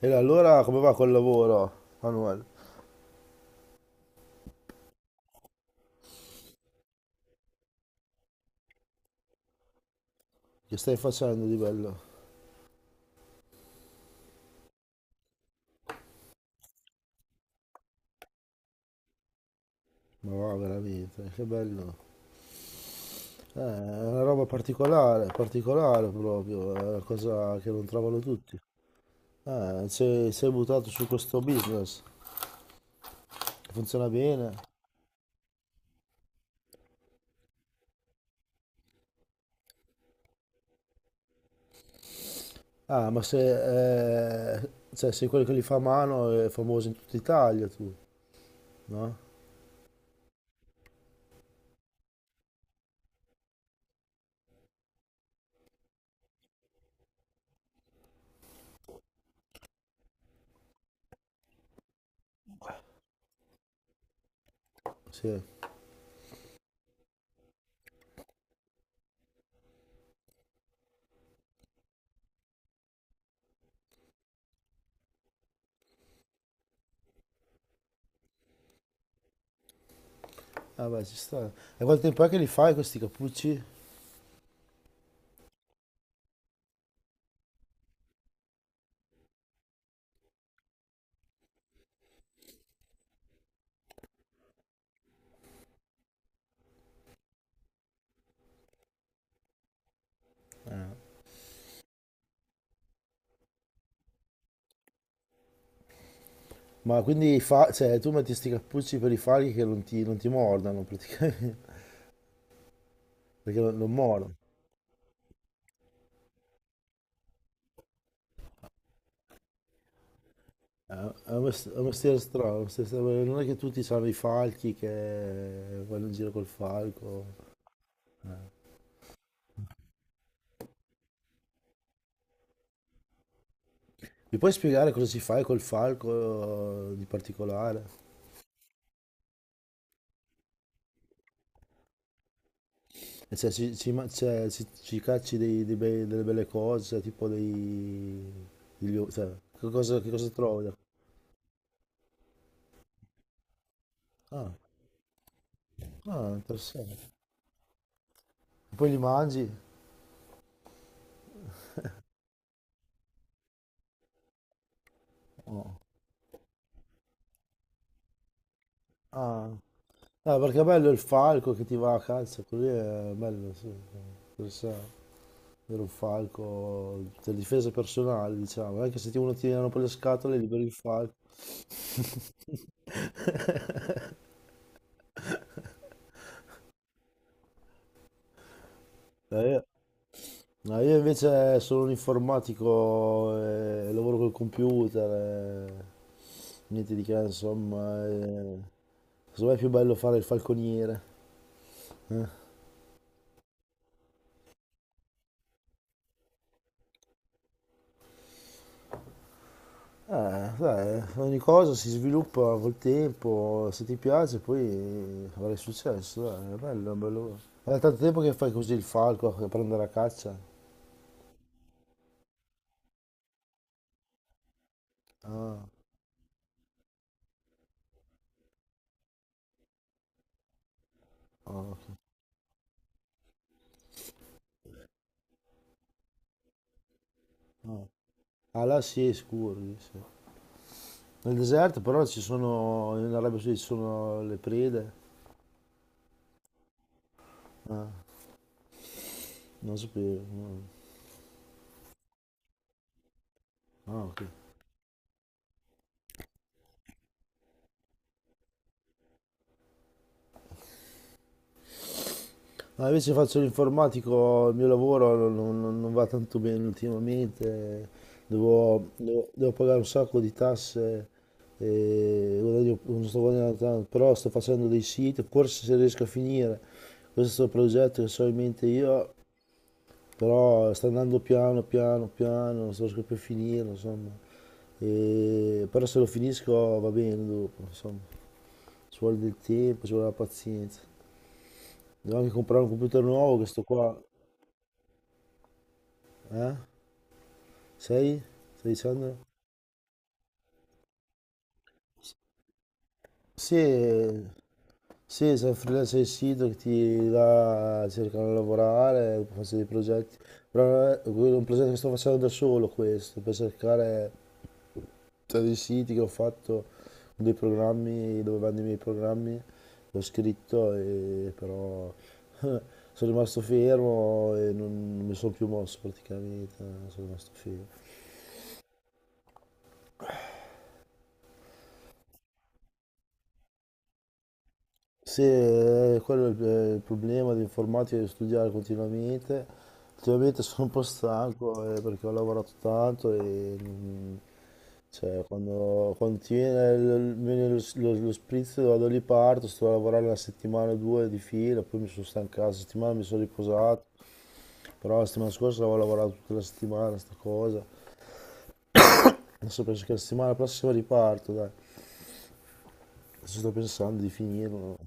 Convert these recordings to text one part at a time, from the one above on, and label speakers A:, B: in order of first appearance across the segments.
A: E allora come va col lavoro, Manuel? Che stai facendo di bello? Ma va veramente, che bello. È una roba particolare, particolare proprio, è una cosa che non trovano tutti. Sei buttato su questo business, funziona bene. Ah, ma se, sei quello che li fa a mano, è famoso in tutta Italia tu, no? Sì. Ah beh, ci sta. E quanto tempo è che li fai questi cappucci? Ma quindi cioè, tu metti sti cappucci per i falchi che non ti mordano praticamente, perché non mordono. È è un mestiere strano, è un mestiere strano. Non è che tutti sanno i falchi che vanno in giro col falco. Mi puoi spiegare cosa si fa col falco di particolare? Cioè, ci, ci ma- cioè, ci- ci cacci delle belle cose, cioè, tipo cioè, che cosa trovi? Da- Ah, ah, interessante. Poi li mangi? No. Ah, eh, perché è bello il falco che ti va a calza, così è bello, sì, interessante. Era un falco per difesa personale, diciamo, anche se ti uno tirano per le scatole, liberi il falco. No, io invece sono un informatico, lavoro col computer, eh, niente di che, insomma, secondo me è più bello fare il falconiere. Eh. Dai, ogni cosa si sviluppa col tempo, se ti piace poi avrai successo, dai, è bello, è bello. È tanto tempo che fai così il falco, che prende la caccia? Ah, ah, ah. Ah, là sì, è scuro, lì, sì. Nel deserto però ci sono, in Arabia Saudita ci sono le prede, ah, non sapevo, no. Ah, ok. No, invece faccio l'informatico, il mio lavoro non va tanto bene ultimamente, devo pagare un sacco di tasse, e guadagno- non sto guadagnando tanto, però sto facendo dei siti, forse se riesco a finire questo progetto che so in mente io, però sta andando piano, piano, piano, non sto riesco più a finire, insomma, E- però se lo finisco va bene dopo, insomma, ci vuole del tempo, ci vuole la pazienza. Devo anche comprare un computer nuovo che sto qua, eh? Sei? Stai dicendo? Sì, sì, sono freelance del sito che ti là cercano di lavorare, faccio dei progetti. Però quello è un progetto che sto facendo da solo questo, per cercare tra dei siti che ho fatto, dei programmi dove vanno i miei programmi, l'ho scritto e però sono rimasto fermo e non mi sono più mosso praticamente, sono rimasto fermo. Sì, quello è il problema dell'informatica di studiare continuamente. Ultimamente sono un po' stanco perché ho lavorato tanto e mm, cioè, quando ti viene, viene lo spritz vado lì parto, sto a lavorare una settimana o due di fila, poi mi sono stancato, la settimana mi sono riposato, però la settimana scorsa avevo lavorato tutta la settimana, sta cosa. Adesso penso che la settimana prossima riparto, dai. Adesso sto pensando di finirlo.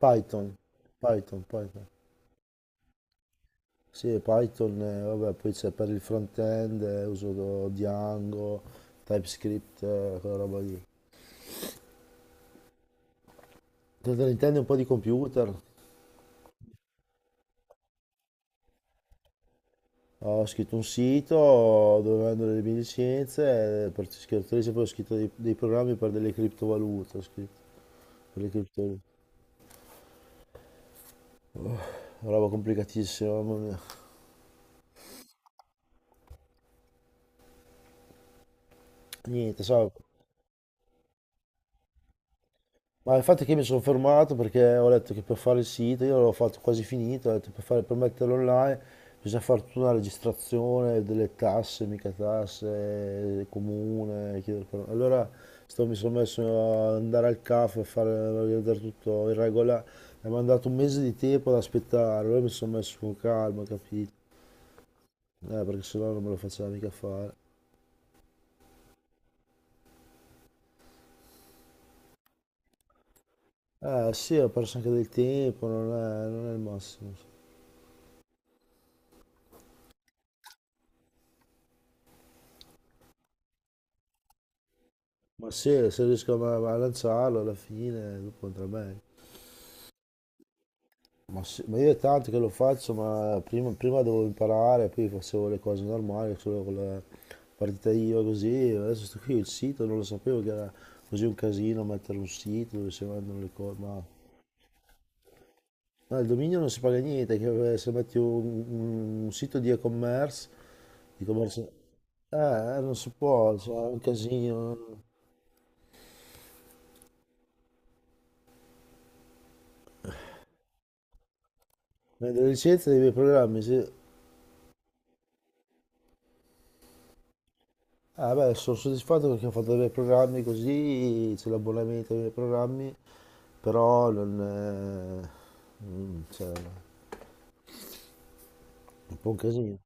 A: Python, Python. Sì, Python, vabbè, poi c'è per il front-end, uso do- Django, TypeScript, quella roba lì. Per te ne intendi un po' di computer? Ho scritto un sito dove vendo le mie licenze, per scrittrice poi ho scritto dei programmi per delle criptovalute, ho scritto, per le criptovalute. Roba complicatissima, mamma mia. Niente, so, ma infatti che io mi sono fermato perché ho letto che per fare il sito, io l'ho fatto quasi finito, ho detto per metterlo online bisogna fare tutta una registrazione delle tasse, mica tasse, comune, chiedere per- Allora mi sono messo a andare al CAF a fare, a vedere tutto in regola, mi hanno dato un mese di tempo ad aspettare, allora mi sono messo con calma, capito? Perché sennò non me lo faceva mica fare. Eh sì, ho perso anche del tempo, non è il massimo. Ma sì, se riesco a, a lanciarlo alla fine, dopo andrà meglio. Ma, sì, ma io è tanto che lo faccio, ma prima devo imparare, poi facevo le cose normali, solo con la partita IVA così, adesso sto qui il sito, non lo sapevo che era così un casino mettere un sito dove si vendono le cose, ma... No, il dominio non si paga niente, che se metti un sito di e-commerce, di commercio- non si può, cioè, è un casino. Vendere licenze dei miei programmi, sì. Eh beh, sono soddisfatto perché ho fatto dei bei programmi così, c'è l'abbonamento ai miei programmi, però non... è, mm, cioè, è un po' un casino.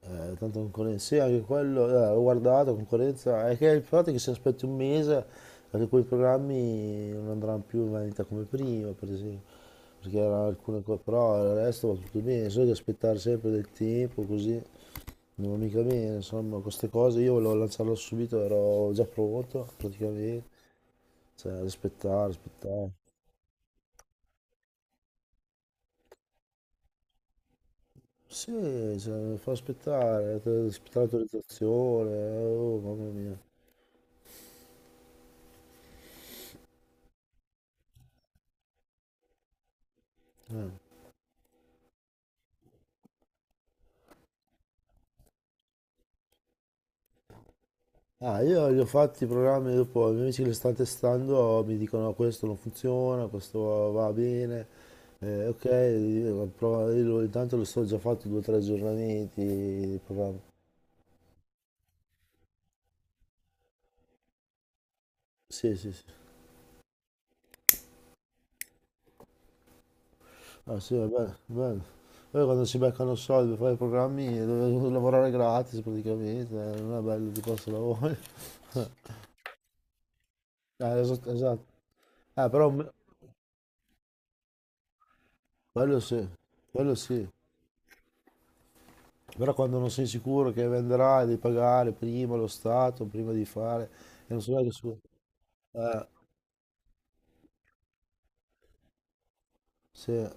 A: Tanta concorrenza, sì, anche quello, ho guardato, concorrenza, è che il fatto è che se aspetti un mese, anche quei programmi non andranno più in vendita come prima, per esempio, perché erano alcune cose, però il resto va tutto bene, solo che aspettare sempre del tempo così, non va mica bene, insomma, queste cose, io volevo lanciarlo subito, ero già pronto praticamente. Cioè, aspettare, aspettare. Sì, cioè, fa aspettare, te- aspettare l'autorizzazione, oh, mamma mia. Ah, io li ho fatti i programmi dopo, i miei amici che li stanno testando oh, mi dicono "No, questo non funziona, questo va bene, eh, ok, io, provo- io lo- intanto lo sto già fatto due o tre aggiornamenti di programma. Sì, sì, sì. Ah, sì, va bene, va bene. Poi quando si beccano soldi per fare i programmi, devono lavorare gratis praticamente, non è bello di questo lavoro. Esatto, esatto. Però m- quello sì, quello sì. Però quando non sei sicuro che venderai, devi pagare prima lo Stato, prima di fare, e non so neanche su... Eh, sì.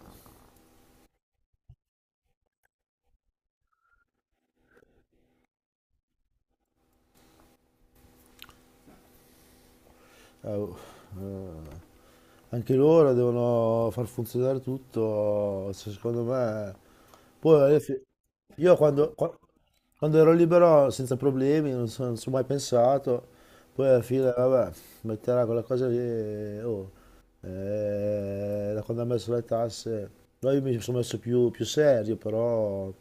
A: Eh, oh, eh, anche loro devono far funzionare tutto, se- secondo me. Poi alla fi- io quando, qua- quando ero libero senza problemi, non so- non ci ho mai pensato, poi alla fine, vabbè, metterà quella cosa lì, e, oh, da quando ha messo le tasse, no, io mi sono messo più serio, però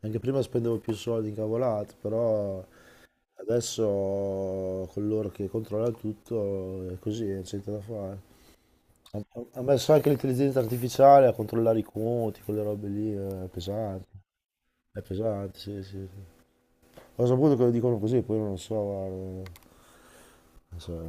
A: anche prima spendevo più soldi in cavolate, però Adesso coloro che controllano tutto è così, non c'è niente da fare. Ha Ha messo anche l'intelligenza artificiale a controllare i conti, quelle robe lì, è pesante. È pesante, sì, sì, sì. Ho saputo che lo dicono così, poi non lo so, guarda. Non so,